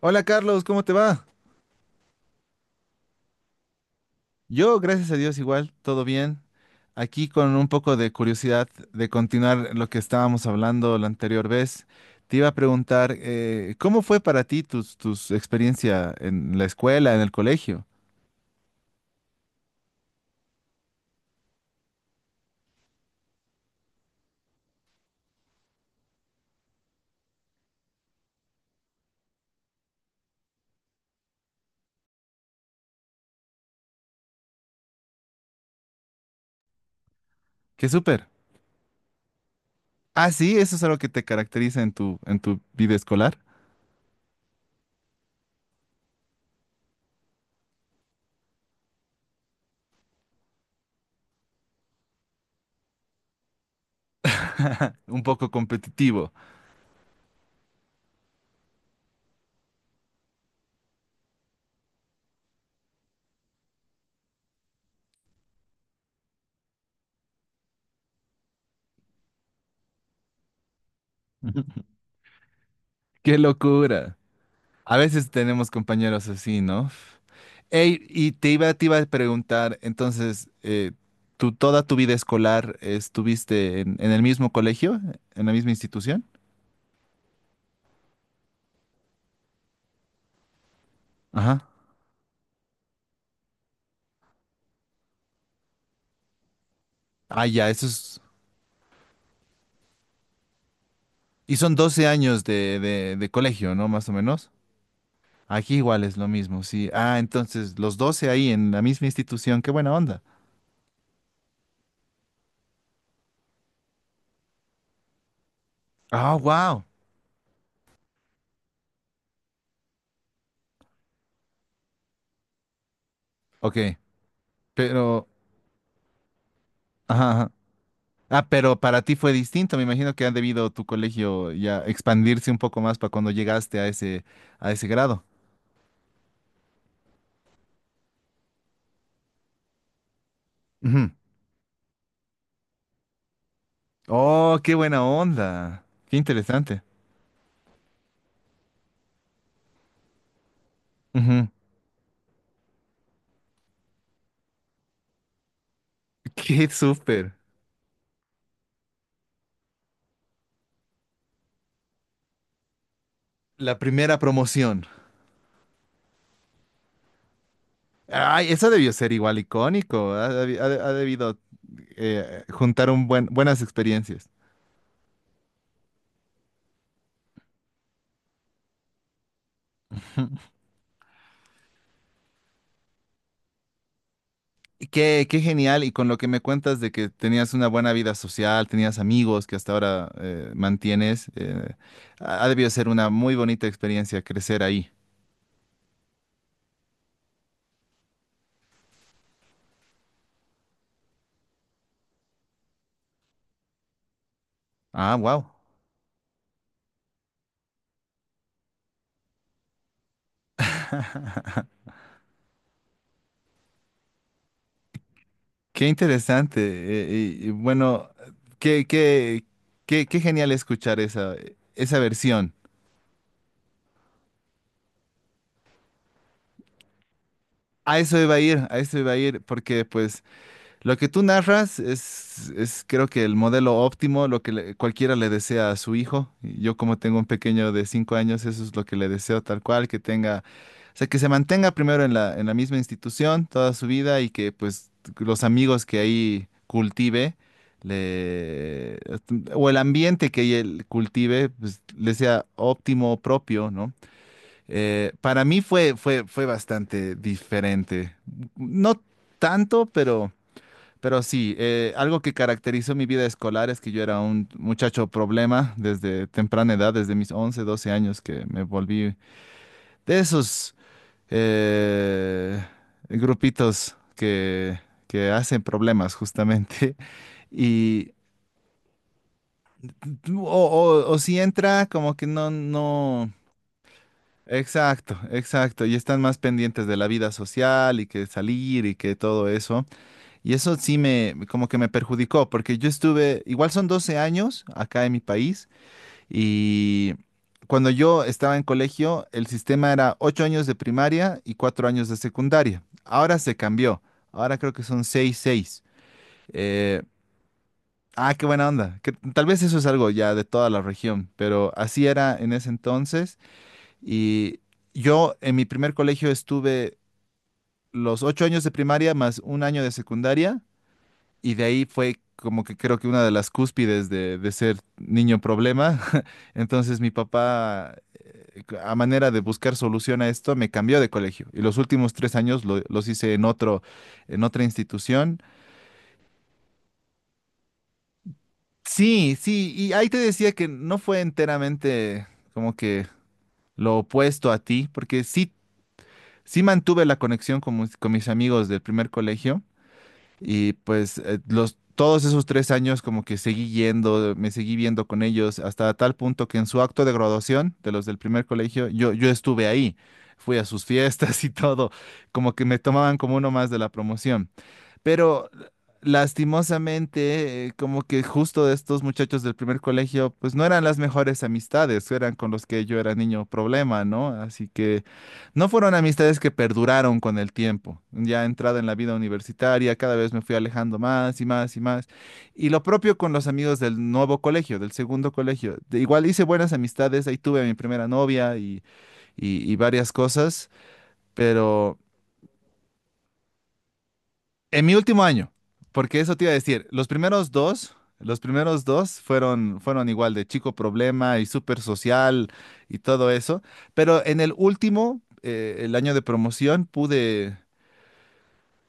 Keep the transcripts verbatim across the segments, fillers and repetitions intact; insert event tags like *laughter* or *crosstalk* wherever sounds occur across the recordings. Hola Carlos, ¿cómo te va? Yo, gracias a Dios, igual, todo bien. Aquí con un poco de curiosidad de continuar lo que estábamos hablando la anterior vez. Te iba a preguntar, eh, ¿cómo fue para ti tus, tus experiencia en la escuela, en el colegio? ¡Qué súper! Ah, sí, eso es algo que te caracteriza en tu, en tu vida escolar. *laughs* Un poco competitivo. ¡Qué locura! A veces tenemos compañeros así, ¿no? Ey, y te iba, te iba a preguntar, entonces, eh, ¿tú toda tu vida escolar estuviste en, en el mismo colegio, en la misma institución? Ajá. Ah, ya, eso es... Y son doce años de, de, de colegio, ¿no? Más o menos. Aquí igual es lo mismo, sí. Ah, entonces, los doce ahí en la misma institución, qué buena onda. Ah, wow. Ok, pero... Ajá, ah, pero para ti fue distinto. Me imagino que ha debido tu colegio ya expandirse un poco más para cuando llegaste a ese, a ese grado. Ujú. Oh, qué buena onda. Qué interesante. Ujú. Qué súper. La primera promoción. Ay, eso debió ser igual icónico. Ha, debi- ha de- ha debido eh, juntar un buen, buenas experiencias. Qué, qué genial, y con lo que me cuentas de que tenías una buena vida social, tenías amigos que hasta ahora eh, mantienes, eh, ha ha debido ser una muy bonita experiencia crecer ahí. Ah, wow, qué interesante. eh, y, y bueno, qué, qué, qué, qué genial escuchar esa, esa versión. A eso iba a ir, a eso iba a ir, porque pues lo que tú narras es, es creo que el modelo óptimo, lo que le- cualquiera le desea a su hijo. Y yo como tengo un pequeño de cinco años, eso es lo que le deseo tal cual, que tenga, o sea, que se mantenga primero en la, en la misma institución toda su vida y que pues los amigos que ahí cultive, le, o el ambiente que él cultive, pues le sea óptimo, propio, ¿no? Eh, para mí fue, fue, fue bastante diferente. No tanto, pero... Pero sí, eh, algo que caracterizó mi vida escolar es que yo era un muchacho problema desde temprana edad, desde mis once, doce años, que me volví de esos eh, grupitos que, que hacen problemas justamente. *laughs* Y, o, o- o si entra, como que no, no. Exacto, exacto. Y están más pendientes de la vida social y que salir y que todo eso. Y eso sí me, como que me perjudicó, porque yo estuve, igual son doce años acá en mi país, y cuando yo estaba en colegio, el sistema era ocho años de primaria y cuatro años de secundaria. Ahora se cambió, ahora creo que son seis seis. Eh, ah, qué buena onda. Que tal vez eso es algo ya de toda la región, pero así era en ese entonces. Y yo en mi primer colegio estuve los ocho años de primaria más un año de secundaria. Y de ahí fue como que creo que una de las cúspides de, de ser niño problema. *laughs* Entonces mi papá, eh, a manera de buscar solución a esto, me cambió de colegio. Y los últimos tres años lo- los hice en otro, en otra institución. Sí, sí, y ahí te decía que no fue enteramente como que lo opuesto a ti, porque sí, sí mantuve la conexión con, mis- con mis amigos del primer colegio. Y pues eh, los, todos esos tres años como que seguí yendo, me seguí viendo con ellos, hasta tal punto que en su acto de graduación de los del primer colegio, yo, yo estuve ahí, fui a sus fiestas *laughs* y todo, como que me tomaban como uno más de la promoción. Pero lastimosamente, eh, como que justo de estos muchachos del primer colegio, pues no eran las mejores amistades, eran con los que yo era niño problema, ¿no? Así que no fueron amistades que perduraron con el tiempo. Ya entrado en la vida universitaria, cada vez me fui alejando más y más y más. Y lo propio con los amigos del nuevo colegio, del segundo colegio. De- igual hice buenas amistades, ahí tuve a mi primera novia y, y y varias cosas, pero... En mi último año, porque eso te iba a decir, los primeros dos, los primeros dos fueron, fueron igual de chico problema y súper social y todo eso, pero en el último, eh, el año de promoción, pude,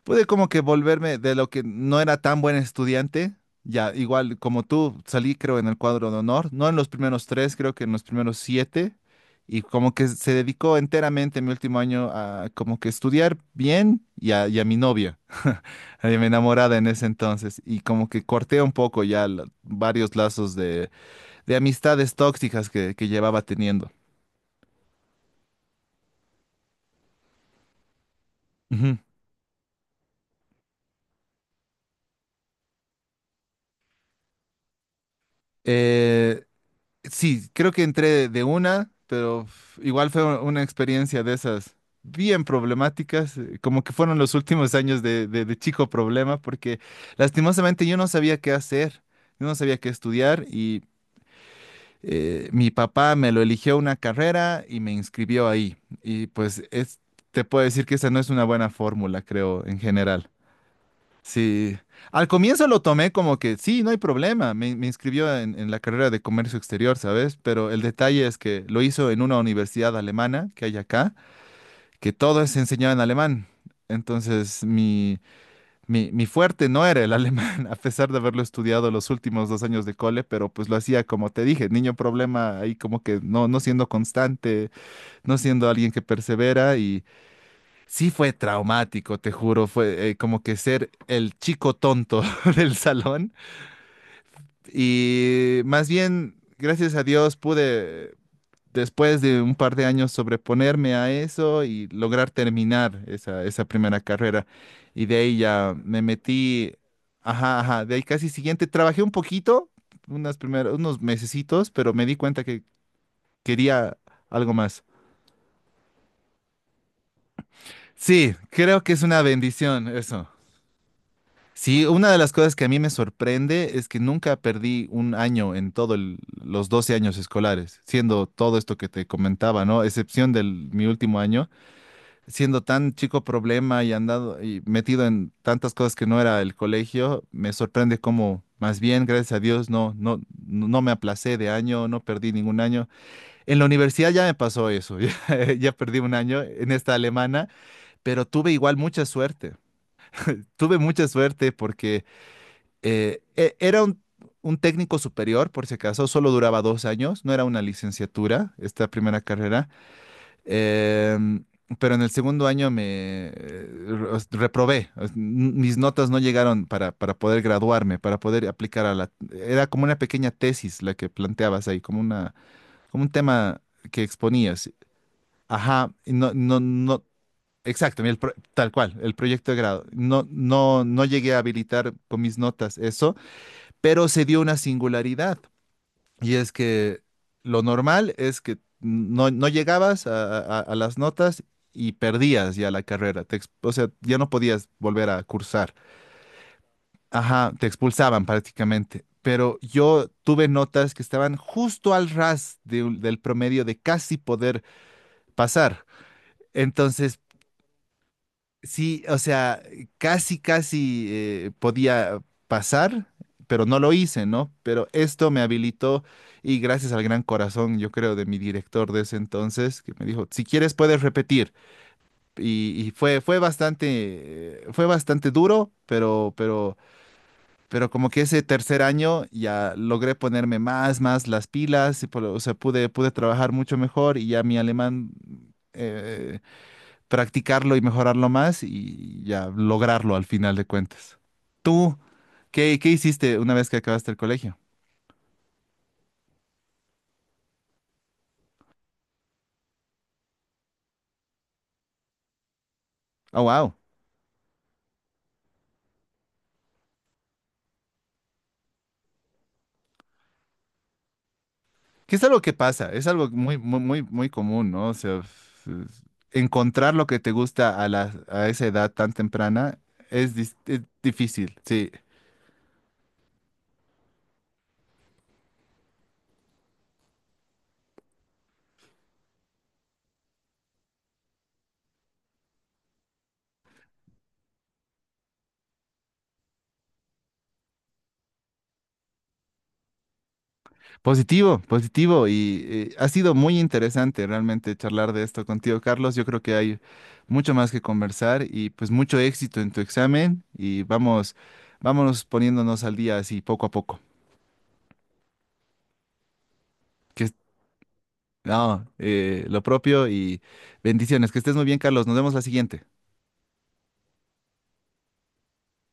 pude como que volverme de lo que no era tan buen estudiante, ya igual como tú, salí creo en el cuadro de honor, no en los primeros tres, creo que en los primeros siete, y como que se dedicó enteramente mi último año a como que estudiar bien y a, y a mi novia, eh, mi enamorada en ese entonces y como que corté un poco ya la- varios lazos de, de amistades tóxicas que, que llevaba teniendo. Ujú. Eh, sí, creo que entré de una, pero f- igual fue u- una experiencia de esas bien problemáticas, eh, como que fueron los últimos años de, de- de chico problema, porque lastimosamente yo no sabía qué hacer, yo no sabía qué estudiar. Eh, mi papá me lo eligió una carrera y me inscribió ahí. Y pues es, te puedo decir que esa no es una buena fórmula, creo, en general. Sí, al comienzo lo tomé como que sí, no hay problema, me, me inscribió en, en la carrera de comercio exterior, ¿sabes? Pero el detalle es que lo hizo en una universidad alemana que hay acá, que todo es enseñado en alemán. Entonces, mi, mi, mi fuerte no era el alemán, *laughs* a pesar de haberlo estudiado los últimos dos años de cole, pero pues lo hacía como te dije, niño problema ahí como que no, no siendo constante, no siendo alguien que persevera y sí fue traumático, te juro, fue eh, como que ser el chico tonto *laughs* del salón y más bien, gracias a Dios, pude después de un par de años sobreponerme a eso y lograr terminar esa, esa primera carrera. Y de ahí ya me metí, ajá, ajá, de ahí casi siguiente, trabajé un poquito, unas primeras, unos mesecitos, pero me di cuenta que quería algo más. Sí, creo que es una bendición eso. Sí, una de las cosas que a mí me sorprende es que nunca perdí un año en todos los doce años escolares, siendo todo esto que te comentaba, ¿no? Excepción del mi último año siendo tan chico problema y andado y metido en tantas cosas que no era el colegio, me sorprende cómo más bien, gracias a Dios, no, no, no me aplacé de año, no perdí ningún año. En la universidad ya me pasó eso, *laughs* ya, ya perdí un año en esta alemana, pero tuve igual mucha suerte. Tuve mucha suerte porque eh, e- era un, un técnico superior, por si acaso, solo duraba dos años, no era una licenciatura, esta primera carrera. Em, pero en el segundo año me eh, re- reprobé. Os- n- Mis notas no llegaron para, para poder graduarme, para poder aplicar a la... Era como una pequeña tesis la que planteabas ahí, como una, como un tema que exponías. Ajá, y no, no, no. Exacto, el pro- tal cual, el proyecto de grado. No, no, no llegué a habilitar con mis notas eso, pero se dio una singularidad. Y es que lo normal es que no, no llegabas a, a- a las notas y perdías ya la carrera. Te ex- o sea, ya no podías volver a cursar. Ajá, te expulsaban prácticamente. Pero yo tuve notas que estaban justo al ras de un- del promedio de casi poder pasar. Entonces, sí, o sea, casi, casi eh, podía pasar, pero no lo hice, ¿no? Pero esto me habilitó y gracias al gran corazón, yo creo, de mi director de ese entonces, que me dijo, si quieres puedes repetir. Y, y fue, fue bastante, eh, fue bastante duro, pero, pero, pero como que ese tercer año ya logré ponerme más, más las pilas, y, por- o sea, pude, pude trabajar mucho mejor y ya mi alemán, eh, practicarlo y mejorarlo más y ya lograrlo al final de cuentas. ¿Tú qué, qué hiciste una vez que acabaste el colegio? Oh, wow. Que es algo que pasa, es algo muy, muy, muy, muy común, ¿no? O sea, f- encontrar lo que te gusta a la, a esa edad tan temprana es, dis- es difícil, sí. Positivo, positivo. Y eh, ha sido muy interesante realmente charlar de esto contigo, Carlos. Yo creo que hay mucho más que conversar y pues mucho éxito en tu examen y vamos, vámonos poniéndonos al día así poco a poco. Que es- no, eh, lo propio y bendiciones. Que estés muy bien, Carlos. Nos vemos la siguiente.